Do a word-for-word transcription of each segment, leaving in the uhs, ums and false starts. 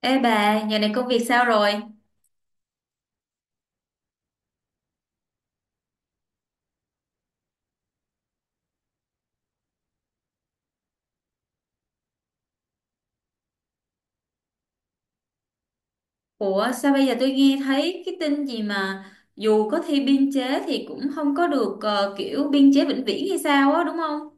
Ê bà, giờ này công việc sao rồi? Ủa sao bây giờ tôi nghe thấy cái tin gì mà dù có thi biên chế thì cũng không có được ờ, kiểu biên chế vĩnh viễn hay sao á đúng không?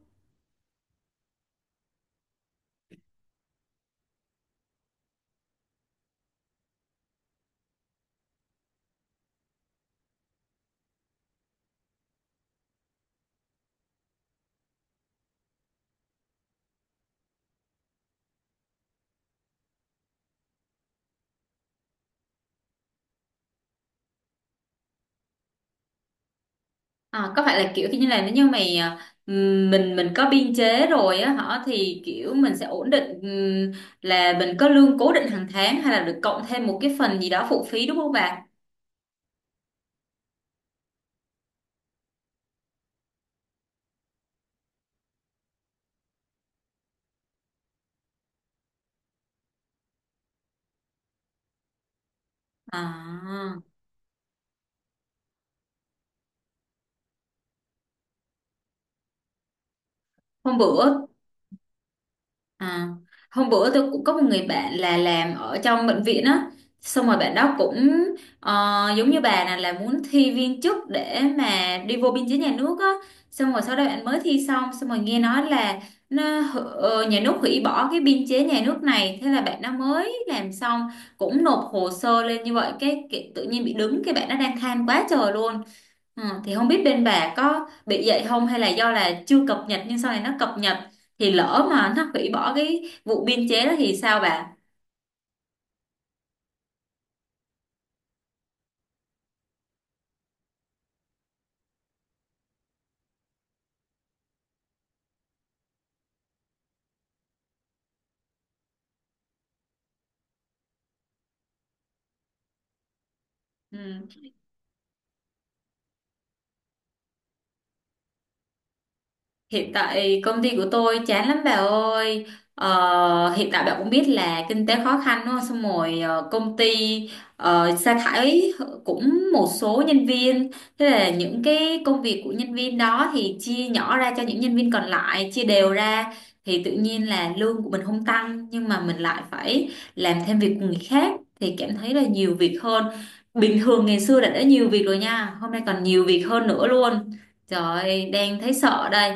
À, có phải là kiểu như là nếu như mày ờ, ừm, mình mình có biên chế rồi á hả thì kiểu mình sẽ ổn định ừm, là mình có lương cố định hàng tháng hay là được cộng thêm một cái phần gì đó phụ phí đúng không bà? À, hôm bữa À, hôm bữa tôi cũng có một người bạn là làm ở trong bệnh viện á, xong rồi bạn đó cũng ờ, giống như bà này là muốn thi viên chức để mà đi vô biên chế nhà nước á, xong rồi sau đó bạn mới thi xong xong rồi nghe nói là nó hử- ờ, nhà nước hủy bỏ cái biên chế nhà nước này, thế là bạn nó mới làm xong cũng nộp hồ sơ lên như vậy cái, cái tự nhiên bị đứng cái bạn nó đang than quá trời luôn. Ờ, thì không biết bên bà có bị vậy không hay là do là chưa cập nhật nhưng sau này nó cập nhật thì lỡ mà nó hủy bỏ cái vụ biên chế đó thì sao bà? Ừ. Hiện tại công ty của tôi chán lắm bà ơi. Ờ, hiện tại bà cũng biết là kinh tế khó khăn đúng không? Xong rồi ờ, công ty ờ, sa thải cũng một số nhân viên. Thế là những cái công việc của nhân viên đó thì chia nhỏ ra cho những nhân viên còn lại, chia đều ra. Thì tự nhiên là lương của mình không tăng nhưng mà mình lại phải làm thêm việc của người khác. Thì cảm thấy là nhiều việc hơn. Bình thường ngày xưa đã đã nhiều việc rồi nha. Hôm nay còn nhiều việc hơn nữa luôn. Trời ơi, đang thấy sợ đây.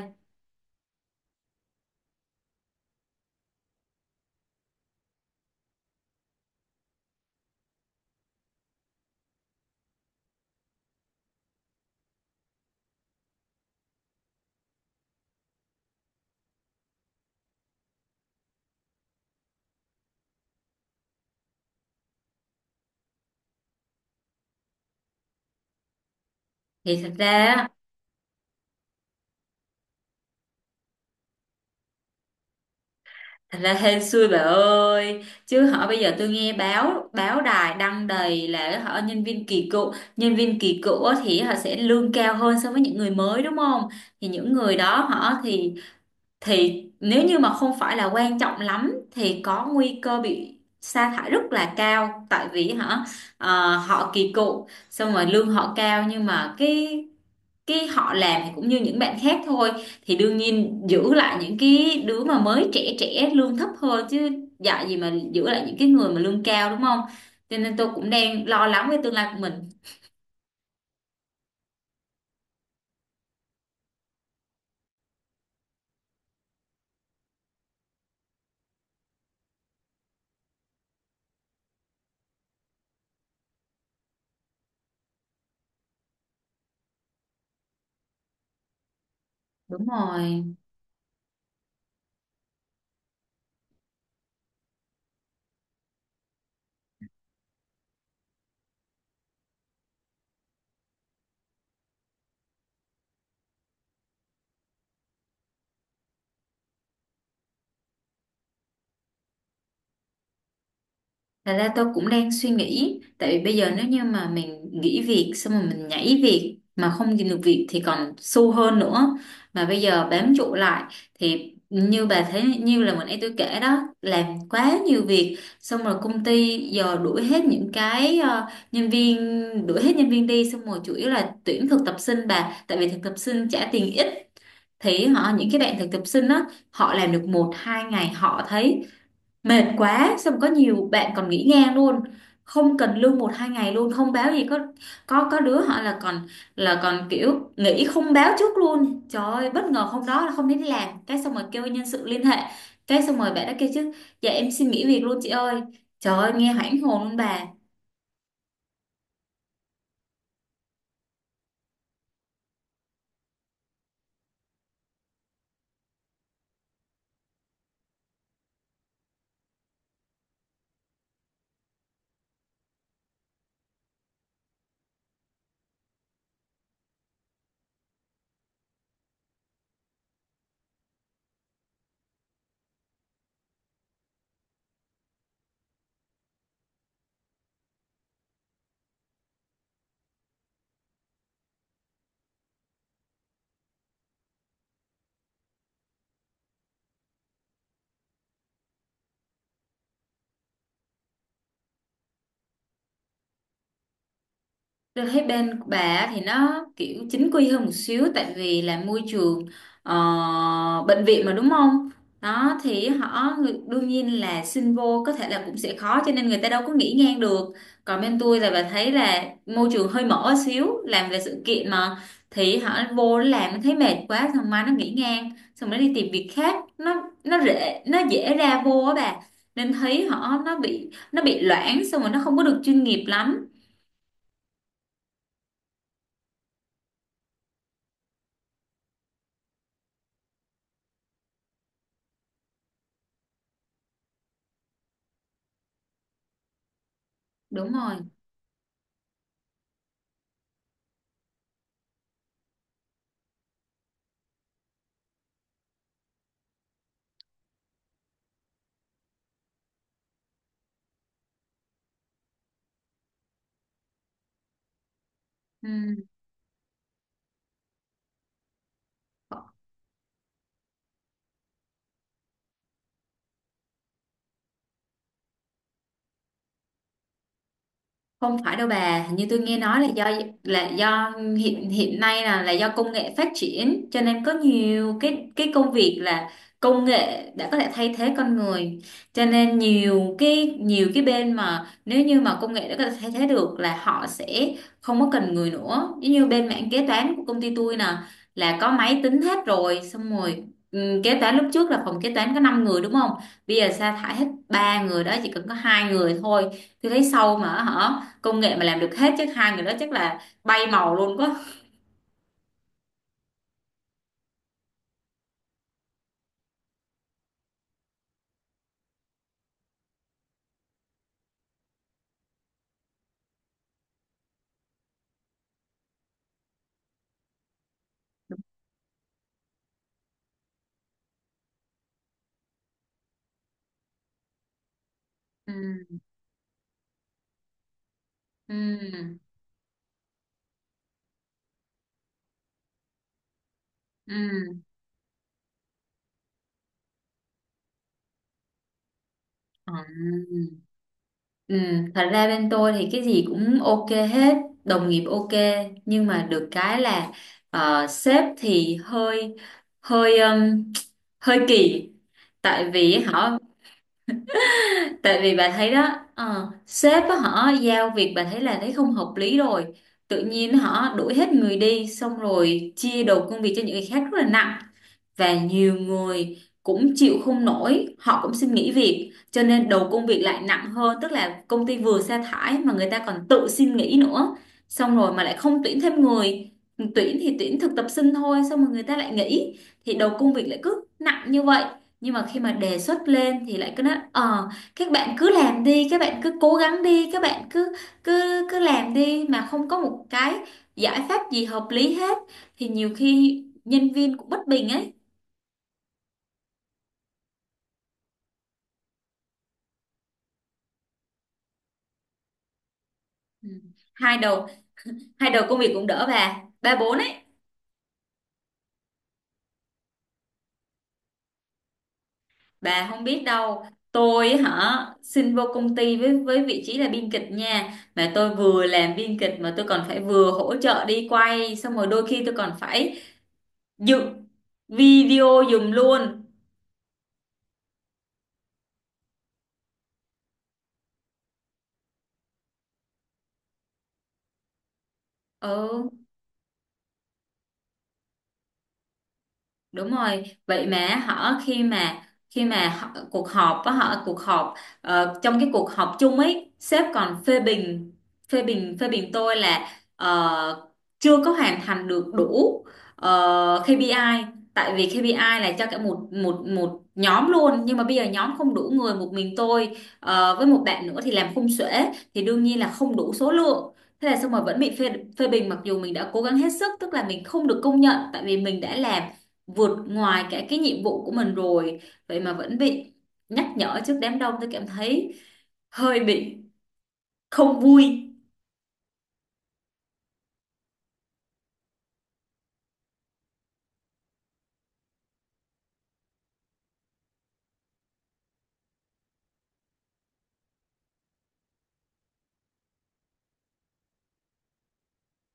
Thì thật ra á, Thật ra hên xui bà ơi chứ họ bây giờ tôi nghe báo báo đài đăng đầy là họ nhân viên kỳ cựu, nhân viên kỳ cựu á thì họ sẽ lương cao hơn so với những người mới đúng không, thì những người đó họ thì thì nếu như mà không phải là quan trọng lắm thì có nguy cơ bị sa thải rất là cao tại vì hả ờ, họ kỳ cựu xong rồi lương họ cao nhưng mà cái cái họ làm thì cũng như những bạn khác thôi, thì đương nhiên giữ lại những cái đứa mà mới trẻ trẻ lương thấp hơn chứ, dạy gì mà giữ lại những cái người mà lương cao đúng không, cho nên tôi cũng đang lo lắng về tương lai của mình. Đúng rồi. Thật ra tôi cũng đang suy nghĩ. Tại vì bây giờ nếu như mà mình nghỉ việc, xong rồi mình nhảy việc mà không tìm được việc thì còn xu hơn nữa. Mà bây giờ bám trụ lại thì như bà thấy, như là mình ấy tôi kể đó, làm quá nhiều việc, xong rồi công ty giờ đuổi hết những cái ờ, nhân viên, đuổi hết nhân viên đi, xong rồi chủ yếu là tuyển thực tập sinh bà. Tại vì thực tập sinh trả tiền ít thì họ những cái bạn thực tập sinh đó họ làm được một hai ngày họ thấy mệt quá, xong có nhiều bạn còn nghỉ ngang luôn, không cần lương một hai ngày luôn, không báo gì, có có có đứa họ là còn là còn kiểu nghỉ không báo trước luôn, trời ơi bất ngờ hôm đó là không đến làm, cái xong rồi kêu nhân sự liên hệ cái xong rồi bạn đã kêu chứ dạ em xin nghỉ việc luôn chị ơi, trời ơi nghe hoảng hồn luôn bà. Tôi thấy bên của bà thì nó kiểu chính quy hơn một xíu tại vì là môi trường ờ, bệnh viện mà đúng không? Đó thì họ ngự- đương nhiên là xin vô có thể là cũng sẽ khó cho nên người ta đâu có nghĩ ngang được. Còn bên tôi là bà thấy là môi trường hơi mở xíu, làm về sự kiện mà, thì họ vô nó làm nó thấy mệt quá xong mai nó nghĩ ngang, xong nó đi tìm việc khác, nó nó dễ nó dễ ra vô á bà. Nên thấy họ nó bị nó bị loãng xong rồi nó không có được chuyên nghiệp lắm. Đúng rồi. Ừ. Không phải đâu bà, hình như tôi nghe nói là do là do hiện hiện nay là là do công nghệ phát triển cho nên có nhiều cái cái công việc là công nghệ đã có thể thay thế con người. Cho nên nhiều cái nhiều cái bên mà nếu như mà công nghệ đã có thể thay thế được là họ sẽ không có cần người nữa. Giống như bên mảng kế toán của công ty tôi nè là có máy tính hết rồi, xong rồi ừ, kế toán lúc trước là phòng kế toán có năm người đúng không? Bây giờ sa thải hết ba người đó chỉ cần có hai người thôi. Tôi thấy sâu mà hả, công nghệ mà làm được hết chắc hai người đó chắc là bay màu luôn quá. Ừ. Ừ. Ừ. Ừ. Ừ. Thật ra bên tôi thì cái gì cũng ok hết, đồng nghiệp ok, nhưng mà được cái là ờ, sếp thì hơi hơi ừm, hơi kỳ. tại vì họ Tại vì bà thấy đó, ờ, sếp á, họ giao việc bà thấy là thấy không hợp lý rồi, tự nhiên họ đuổi hết người đi xong rồi chia đầu công việc cho những người khác rất là nặng và nhiều người cũng chịu không nổi họ cũng xin nghỉ việc cho nên đầu công việc lại nặng hơn, tức là công ty vừa sa thải mà người ta còn tự xin nghỉ nữa, xong rồi mà lại không tuyển thêm người, tuyển thì tuyển thực tập sinh thôi xong rồi người ta lại nghỉ, thì đầu công việc lại cứ nặng như vậy. Nhưng mà khi mà đề xuất lên thì lại cứ nói ờ các bạn cứ làm đi, các bạn cứ cố gắng đi, các bạn cứ cứ cứ làm đi mà không có một cái giải pháp gì hợp lý hết, thì nhiều khi nhân viên cũng bất bình ấy. Ừ. hai đầu Hai đầu công việc cũng đỡ bà, ba bốn ấy. Bà không biết đâu, tôi hả xin vô công ty với với vị trí là biên kịch nha mà tôi vừa làm biên kịch mà tôi còn phải vừa hỗ trợ đi quay xong rồi đôi khi tôi còn phải dựng video giùm luôn. Ừ. Đúng rồi, vậy mà họ khi mà khi mà họ, cuộc họp á họ cuộc họp ờ, trong cái cuộc họp chung ấy, sếp còn phê bình phê bình phê bình tôi là ờ, chưa có hoàn thành được đủ ờ, ca pê i. Tại vì ca pê i là cho cả một một một nhóm luôn nhưng mà bây giờ nhóm không đủ người, một mình tôi ờ, với một bạn nữa thì làm khung xuể, thì đương nhiên là không đủ số lượng, thế là xong mà vẫn bị phê phê bình mặc dù mình đã cố gắng hết sức, tức là mình không được công nhận tại vì mình đã làm vượt ngoài cả cái nhiệm vụ của mình rồi, vậy mà vẫn bị nhắc nhở trước đám đông, tôi cảm thấy hơi bị không vui.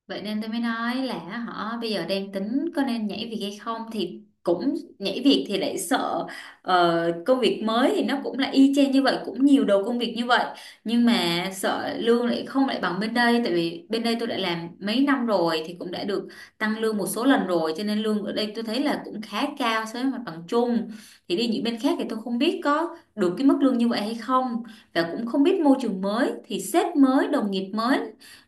Vậy nên tôi mới nói là họ bây giờ đang tính có nên nhảy việc hay không thì cũng nhảy việc thì lại sợ ờ, công việc mới thì nó cũng là y chang như vậy cũng nhiều đầu công việc như vậy nhưng mà sợ lương lại không lại bằng bên đây tại vì bên đây tôi đã làm mấy năm rồi thì cũng đã được tăng lương một số lần rồi cho nên lương ở đây tôi thấy là cũng khá cao so với mặt bằng chung, thì đi những bên khác thì tôi không biết có được cái mức lương như vậy hay không và cũng không biết môi trường mới thì sếp mới đồng nghiệp mới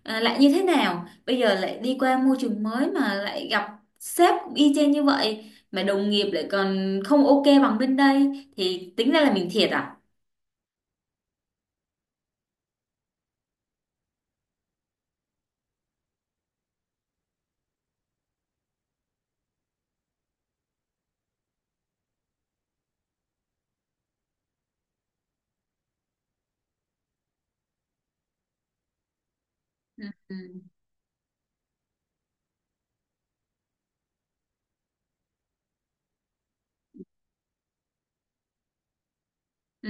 ờ, lại như thế nào, bây giờ lại đi qua môi trường mới mà lại gặp sếp cũng y chang như vậy mà đồng nghiệp lại còn không ok bằng bên đây thì tính ra là mình thiệt à. Ừ. Ừ. Ừ,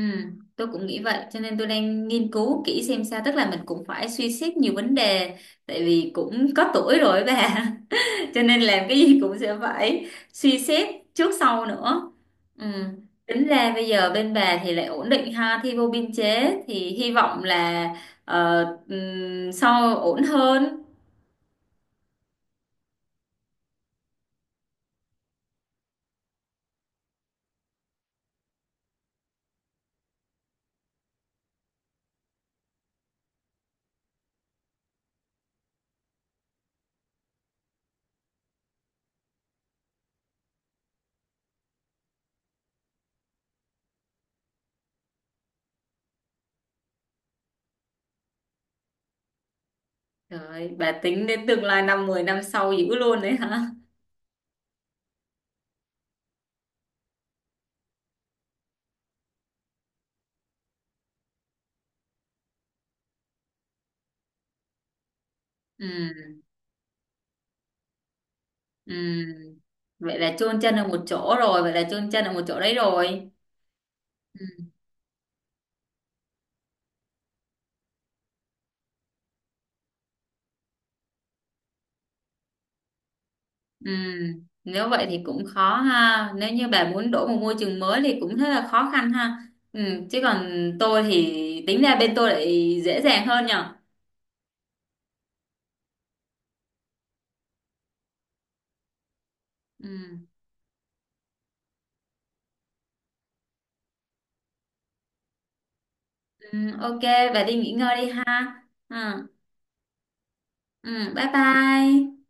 tôi cũng nghĩ vậy cho nên tôi đang nghiên cứu kỹ xem sao, tức là mình cũng phải suy xét nhiều vấn đề tại vì cũng có tuổi rồi ấy bà, cho nên làm cái gì cũng sẽ phải suy xét trước sau nữa. Ừ. Tính ra bây giờ bên bà thì lại ổn định ha, thi vô biên chế thì hy vọng là ờ, ừm, sau ổn hơn. Rồi bà tính đến tương lai năm mười năm sau dữ luôn đấy hả? Ừ. Ừ. Vậy là chôn chân ở một chỗ rồi, vậy là chôn chân ở một chỗ đấy rồi. Ừ. Ừ, nếu vậy thì cũng khó ha. Nếu như bà muốn đổi một môi trường mới thì cũng rất là khó khăn ha. Ừ, chứ còn tôi thì tính ra bên tôi lại dễ dàng hơn nhở. Ừ, ừ, ok, bà đi nghỉ ngơi đi ha. Ừ, ừ, bye bye.